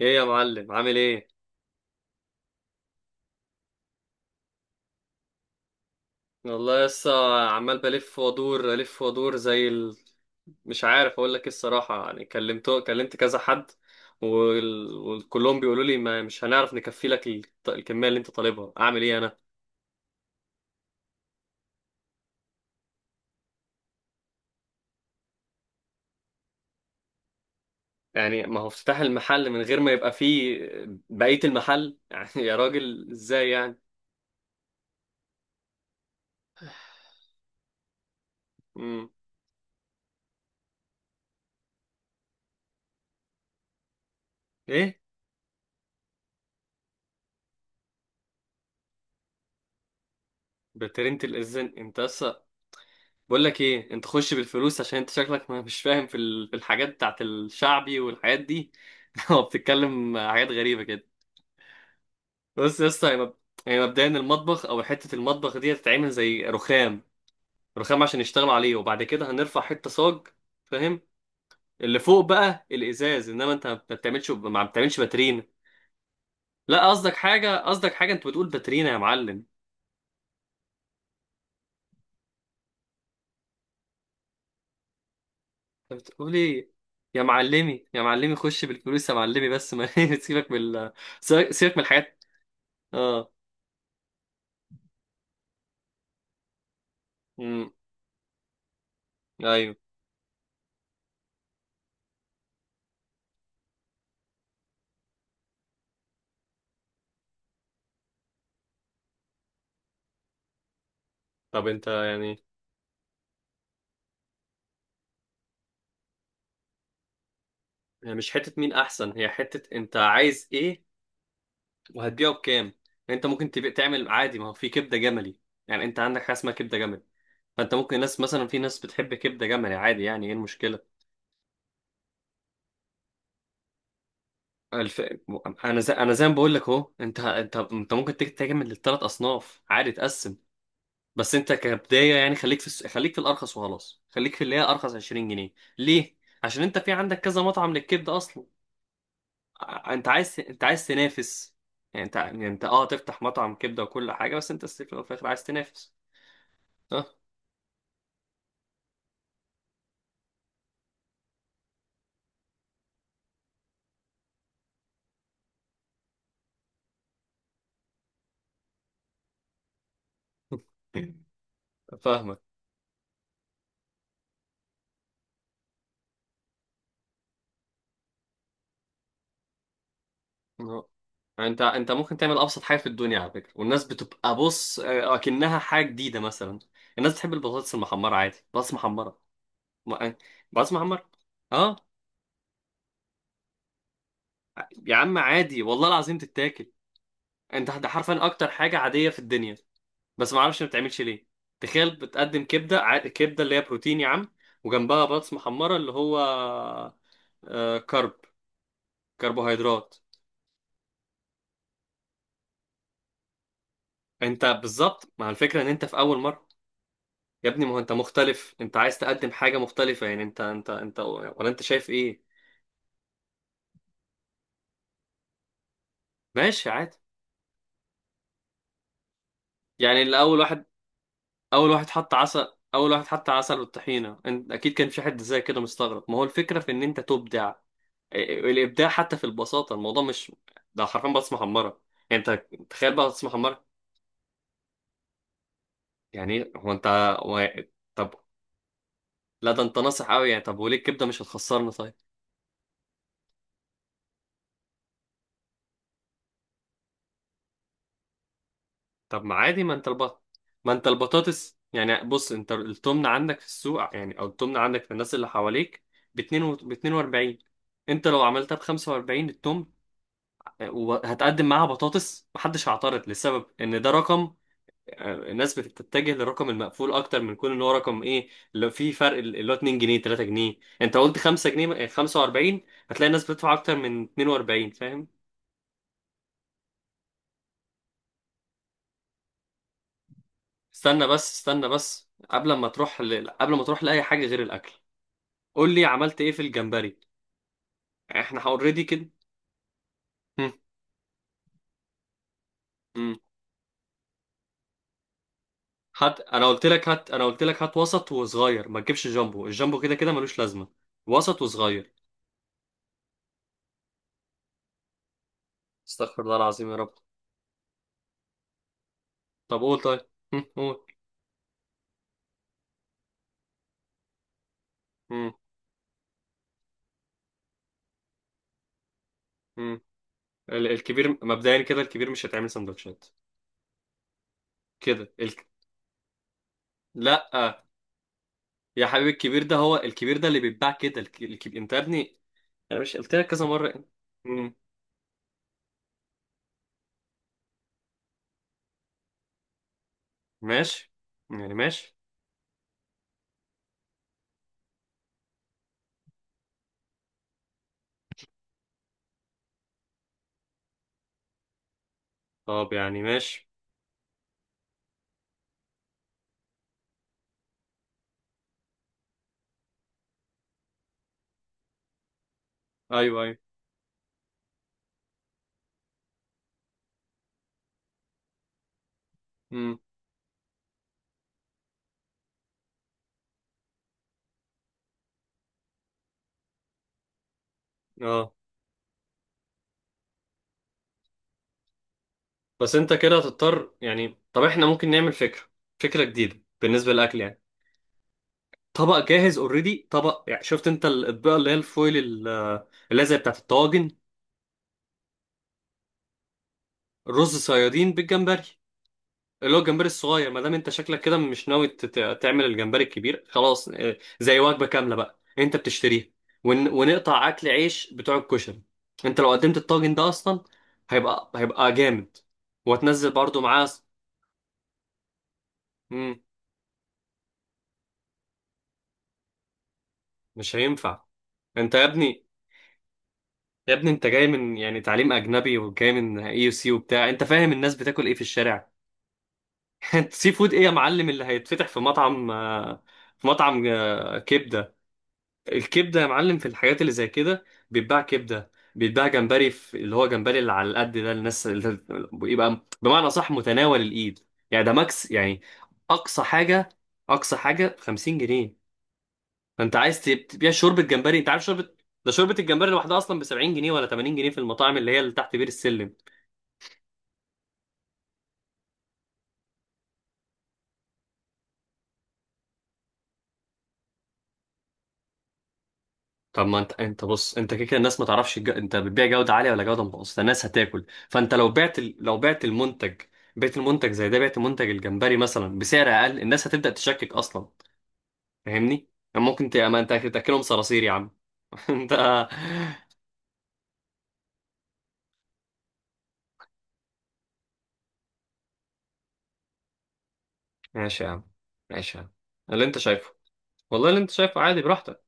ايه يا معلم عامل ايه؟ والله لسه، عمال بلف وادور الف وادور زي مش عارف اقول لك ايه الصراحه، يعني كلمت كذا حد، وكلهم بيقولوا لي ما مش هنعرف نكفي لك الكميه اللي انت طالبها، اعمل ايه انا؟ يعني ما هو افتتاح المحل من غير ما يبقى فيه بقيه المحل؟ يعني يا راجل ازاي يعني. امم ايه؟ بترنت الاذن انت بس. بقول لك ايه، انت خش بالفلوس، عشان انت شكلك ما مش فاهم في في الحاجات بتاعت الشعبي والحاجات دي. هو بتتكلم حاجات غريبه كده. بص يا اسطى، هي هي مبدئيا المطبخ او المطبخ دي هتتعمل زي رخام، رخام عشان يشتغلوا عليه، وبعد كده هنرفع حته صاج، فاهم؟ اللي فوق بقى الازاز، انما انت ما بتعملش باترينا. لا، قصدك حاجه، قصدك حاجه، انت بتقول باترينا يا معلم. انت بتقول ايه؟ يا معلمي يا معلمي خش بالفلوس يا معلمي بس ما سيبك بال سيبك، سيبك من الحاجات. اه. امم ايوه. طب انت يعني، هي مش حتة مين احسن، هي حتة انت عايز ايه وهتبيعه بكام يعني. انت ممكن تبيع تعمل عادي، ما هو في كبدة جملي، يعني انت عندك حاجة اسمها كبدة جملي، فانت ممكن ناس مثلا، في ناس بتحب كبدة جملي عادي، يعني ايه المشكلة؟ الف... انا زي ما بقول لك اهو، انت انت ممكن تعمل للثلاث اصناف عادي، تقسم. بس انت كبداية يعني خليك في خليك في الارخص وخلاص، خليك في اللي هي ارخص، 20 جنيه. ليه؟ عشان انت في عندك كذا مطعم للكبدة اصلا. آه، انت عايز تنافس. يعني انت، اه، تفتح مطعم كبده وكل حاجه، بس انت ستيل في الأول وفي الاخر عايز تنافس. اه. فاهمك. اه. انت ممكن تعمل ابسط حاجه في الدنيا على فكره، والناس بتبقى بص، اه، اكنها حاجه جديده مثلا. الناس بتحب البطاطس المحمره، عادي بطاطس محمره. آه، بطاطس محمره. اه. يا عم عادي والله العظيم تتاكل، انت ده حرفيا اكتر حاجه عاديه في الدنيا، بس ما اعرفش ما بتعملش ليه. تخيل بتقدم كبده كبده اللي هي بروتين يا عم، وجنبها بطاطس محمره اللي هو، آه، كربوهيدرات. انت بالظبط مع الفكره ان انت في اول مره. يا ابني ما هو انت مختلف، انت عايز تقدم حاجه مختلفه، يعني انت ولا انت شايف ايه؟ ماشي عادي. يعني الاول واحد، اول واحد حط عسل، اول واحد حط عسل والطحينه، انت اكيد كان في حد زي كده مستغرب، ما هو الفكره في ان انت تبدع، الابداع حتى في البساطه، الموضوع مش، ده حرفيا بطاطس محمره. يعني انت تخيل بقى بطاطس محمره. يعني إيه؟ هو انت، و... طب لا، ده انت ناصح قوي يعني. طب وليه الكبده مش هتخسرنا طيب؟ طب ما عادي، ما انت البطاطس يعني، بص انت التمن عندك في السوق يعني، او التمن عندك في الناس اللي حواليك ب ب 42. انت لو عملتها ب 45 التمن وهتقدم معاها بطاطس، محدش هيعترض، لسبب ان ده رقم، آه، الناس بتتجه للرقم المقفول اكتر من كون ان هو رقم ايه. لو في فرق اللي هو 2 جنيه 3 جنيه، انت قلت 5 جنيه 45، هتلاقي الناس بتدفع اكتر من 42، فاهم؟ استنى بس، استنى بس، قبل ما قبل ما تروح لاي حاجه غير الاكل، قول لي عملت ايه في الجمبري؟ احنا اوريدي كده. هم، هم. هات، انا قلت لك هات وسط وصغير، ما تجيبش جامبو، الجامبو كده كده ملوش لازمه، وسط وصغير. استغفر الله العظيم يا رب. طب قول طيب. هم، قول. هم، هم. الكبير مبدئيا كده الكبير مش هيتعمل سندوتشات. كده ال... لا يا حبيبي، الكبير ده، هو الكبير ده اللي بيتباع كده، الكبير، انت يا ابني انا مش قلت لك كذا مره. امم ماشي، يعني ماشي. طب يعني ماشي. ايوه ايوه. امم اه. بس انت كده هتضطر يعني، طب احنا ممكن نعمل فكره، فكره جديده بالنسبه للاكل يعني. طبق جاهز اوريدي، طبق يعني، شفت انت الاطباق اللي هي الفويل اللي هي زي بتاعت الطواجن، رز صيادين بالجمبري، اللي هو الجمبري الصغير، ما دام انت شكلك كده مش ناوي تعمل الجمبري الكبير خلاص، اه، زي وجبه كامله بقى انت بتشتريها، ونقطع اكل عيش بتوع الكشري. انت لو قدمت الطاجن ده اصلا، هيبقى جامد، وهتنزل برضو معاه مم. مش هينفع. انت يا ابني، يا ابني انت جاي من يعني تعليم اجنبي وجاي من اي يو سي وبتاع، انت فاهم الناس بتاكل ايه في الشارع؟ انت سي فود ايه يا معلم اللي هيتفتح في مطعم، اه، في مطعم، اه، كبده؟ الكبده يا معلم في الحاجات اللي زي كده، بيتباع كبده، بيتباع جمبري في اللي هو جمبري اللي على القد ده، الناس اللي بيبقى بمعنى صح متناول الايد، يعني ده ماكس يعني، اقصى حاجه، اقصى حاجه 50 جنيه. فانت عايز تبيع شوربه جمبري؟ انت عارف شوربه، ده شوربه الجمبري لوحدها اصلا ب 70 جنيه ولا 80 جنيه في المطاعم اللي هي اللي تحت بير السلم. طب ما انت انت بص، انت كده كده الناس ما تعرفش انت بتبيع جوده عاليه ولا جوده متوسطه، الناس هتاكل. فانت لو بعت لو بعت المنتج، بعت المنتج زي ده، بعت منتج الجمبري مثلا بسعر اقل، الناس هتبدا تشكك اصلا، فاهمني؟ يعني ممكن ما انت تاكلهم صراصير يا عم. انت. ماشي يا عم، ماشي يا عم، اللي انت شايفه، والله اللي انت شايفه عادي، براحتك.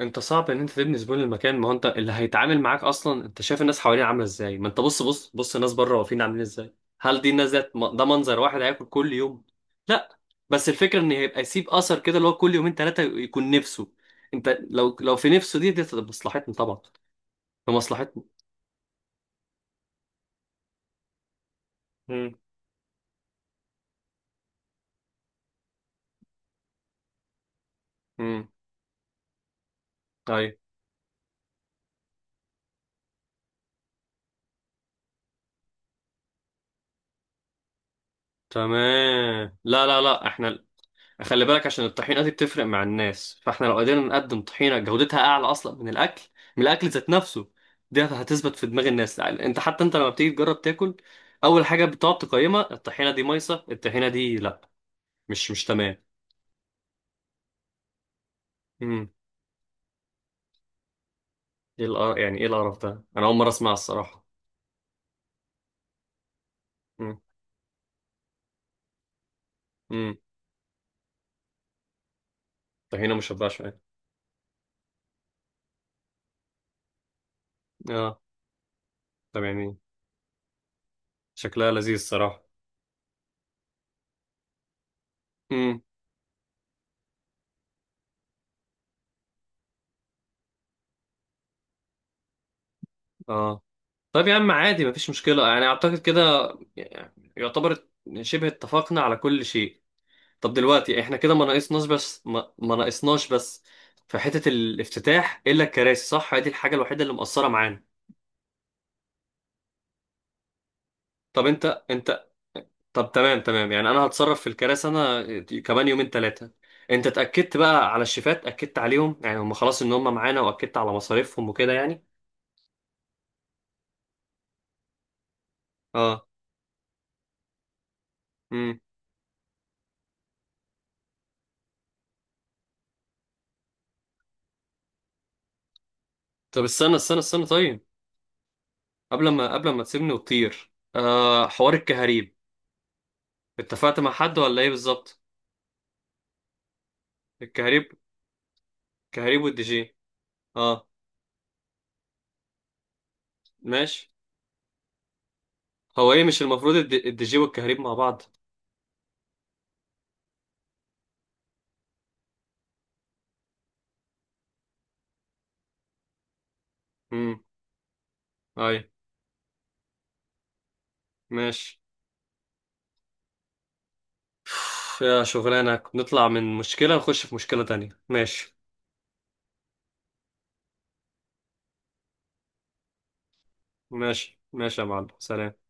انت صعب ان انت تبني زبون للمكان، ما هو انت اللي هيتعامل معاك اصلا، انت شايف الناس حواليه عامله ازاي؟ ما انت بص الناس بره واقفين عاملين ازاي، هل دي الناس ذات، ده منظر واحد هياكل كل يوم؟ لا. بس الفكره ان هيبقى يسيب اثر كده، اللي هو كل يومين ثلاثه يكون نفسه، انت لو لو في نفسه، دي تبقى مصلحتنا طبعا، في مصلحتنا. امم امم ايوه تمام. لا، احنا خلي بالك، عشان الطحينة دي بتفرق مع الناس، فاحنا لو قدرنا نقدم طحينة جودتها أعلى أصلا من الأكل، من الأكل ذات نفسه، دي هتثبت في دماغ الناس. يعني أنت، حتى أنت لما بتيجي تجرب تاكل، أول حاجة بتقعد تقيمها الطحينة، دي مايصة الطحينة دي، لأ، مش تمام. امم إيه القرف يعني، إيه القرف ده؟ أنا أول مرة أسمعها الصراحة. امم امم طحينة مشبعة شوية. آه. طب يعني شكلها لذيذ الصراحة. امم آه. طب يا عم عادي مفيش مشكلة، يعني أعتقد كده، يعني يعتبر شبه اتفقنا على كل شيء. طب دلوقتي احنا كده ما ناقصناش بس ما ناقصناش بس، في حتة الافتتاح الا الكراسي، صح؟ هي دي الحاجة الوحيدة اللي مقصرة معانا. طب انت انت، طب تمام تمام، يعني انا هتصرف في الكراسي انا، كمان يومين ثلاثة. انت اتأكدت بقى على الشيفات، اكدت عليهم يعني هم خلاص ان هم معانا، واكدت على مصاريفهم وكده يعني؟ اه. امم طب استنى طيب، قبل ما تسيبني وتطير، آه حوار الكهاريب، اتفقت مع حد ولا ايه بالظبط؟ الكهاريب، الكهاريب والدي جي. اه ماشي. هو ايه مش المفروض الديجي والكهريب مع بعض؟ امم اي. ماشي. يا شغلانة، نطلع من مشكلة نخش في مشكلة تانية. ماشي ماشي، ماشي يا معلم، سلام.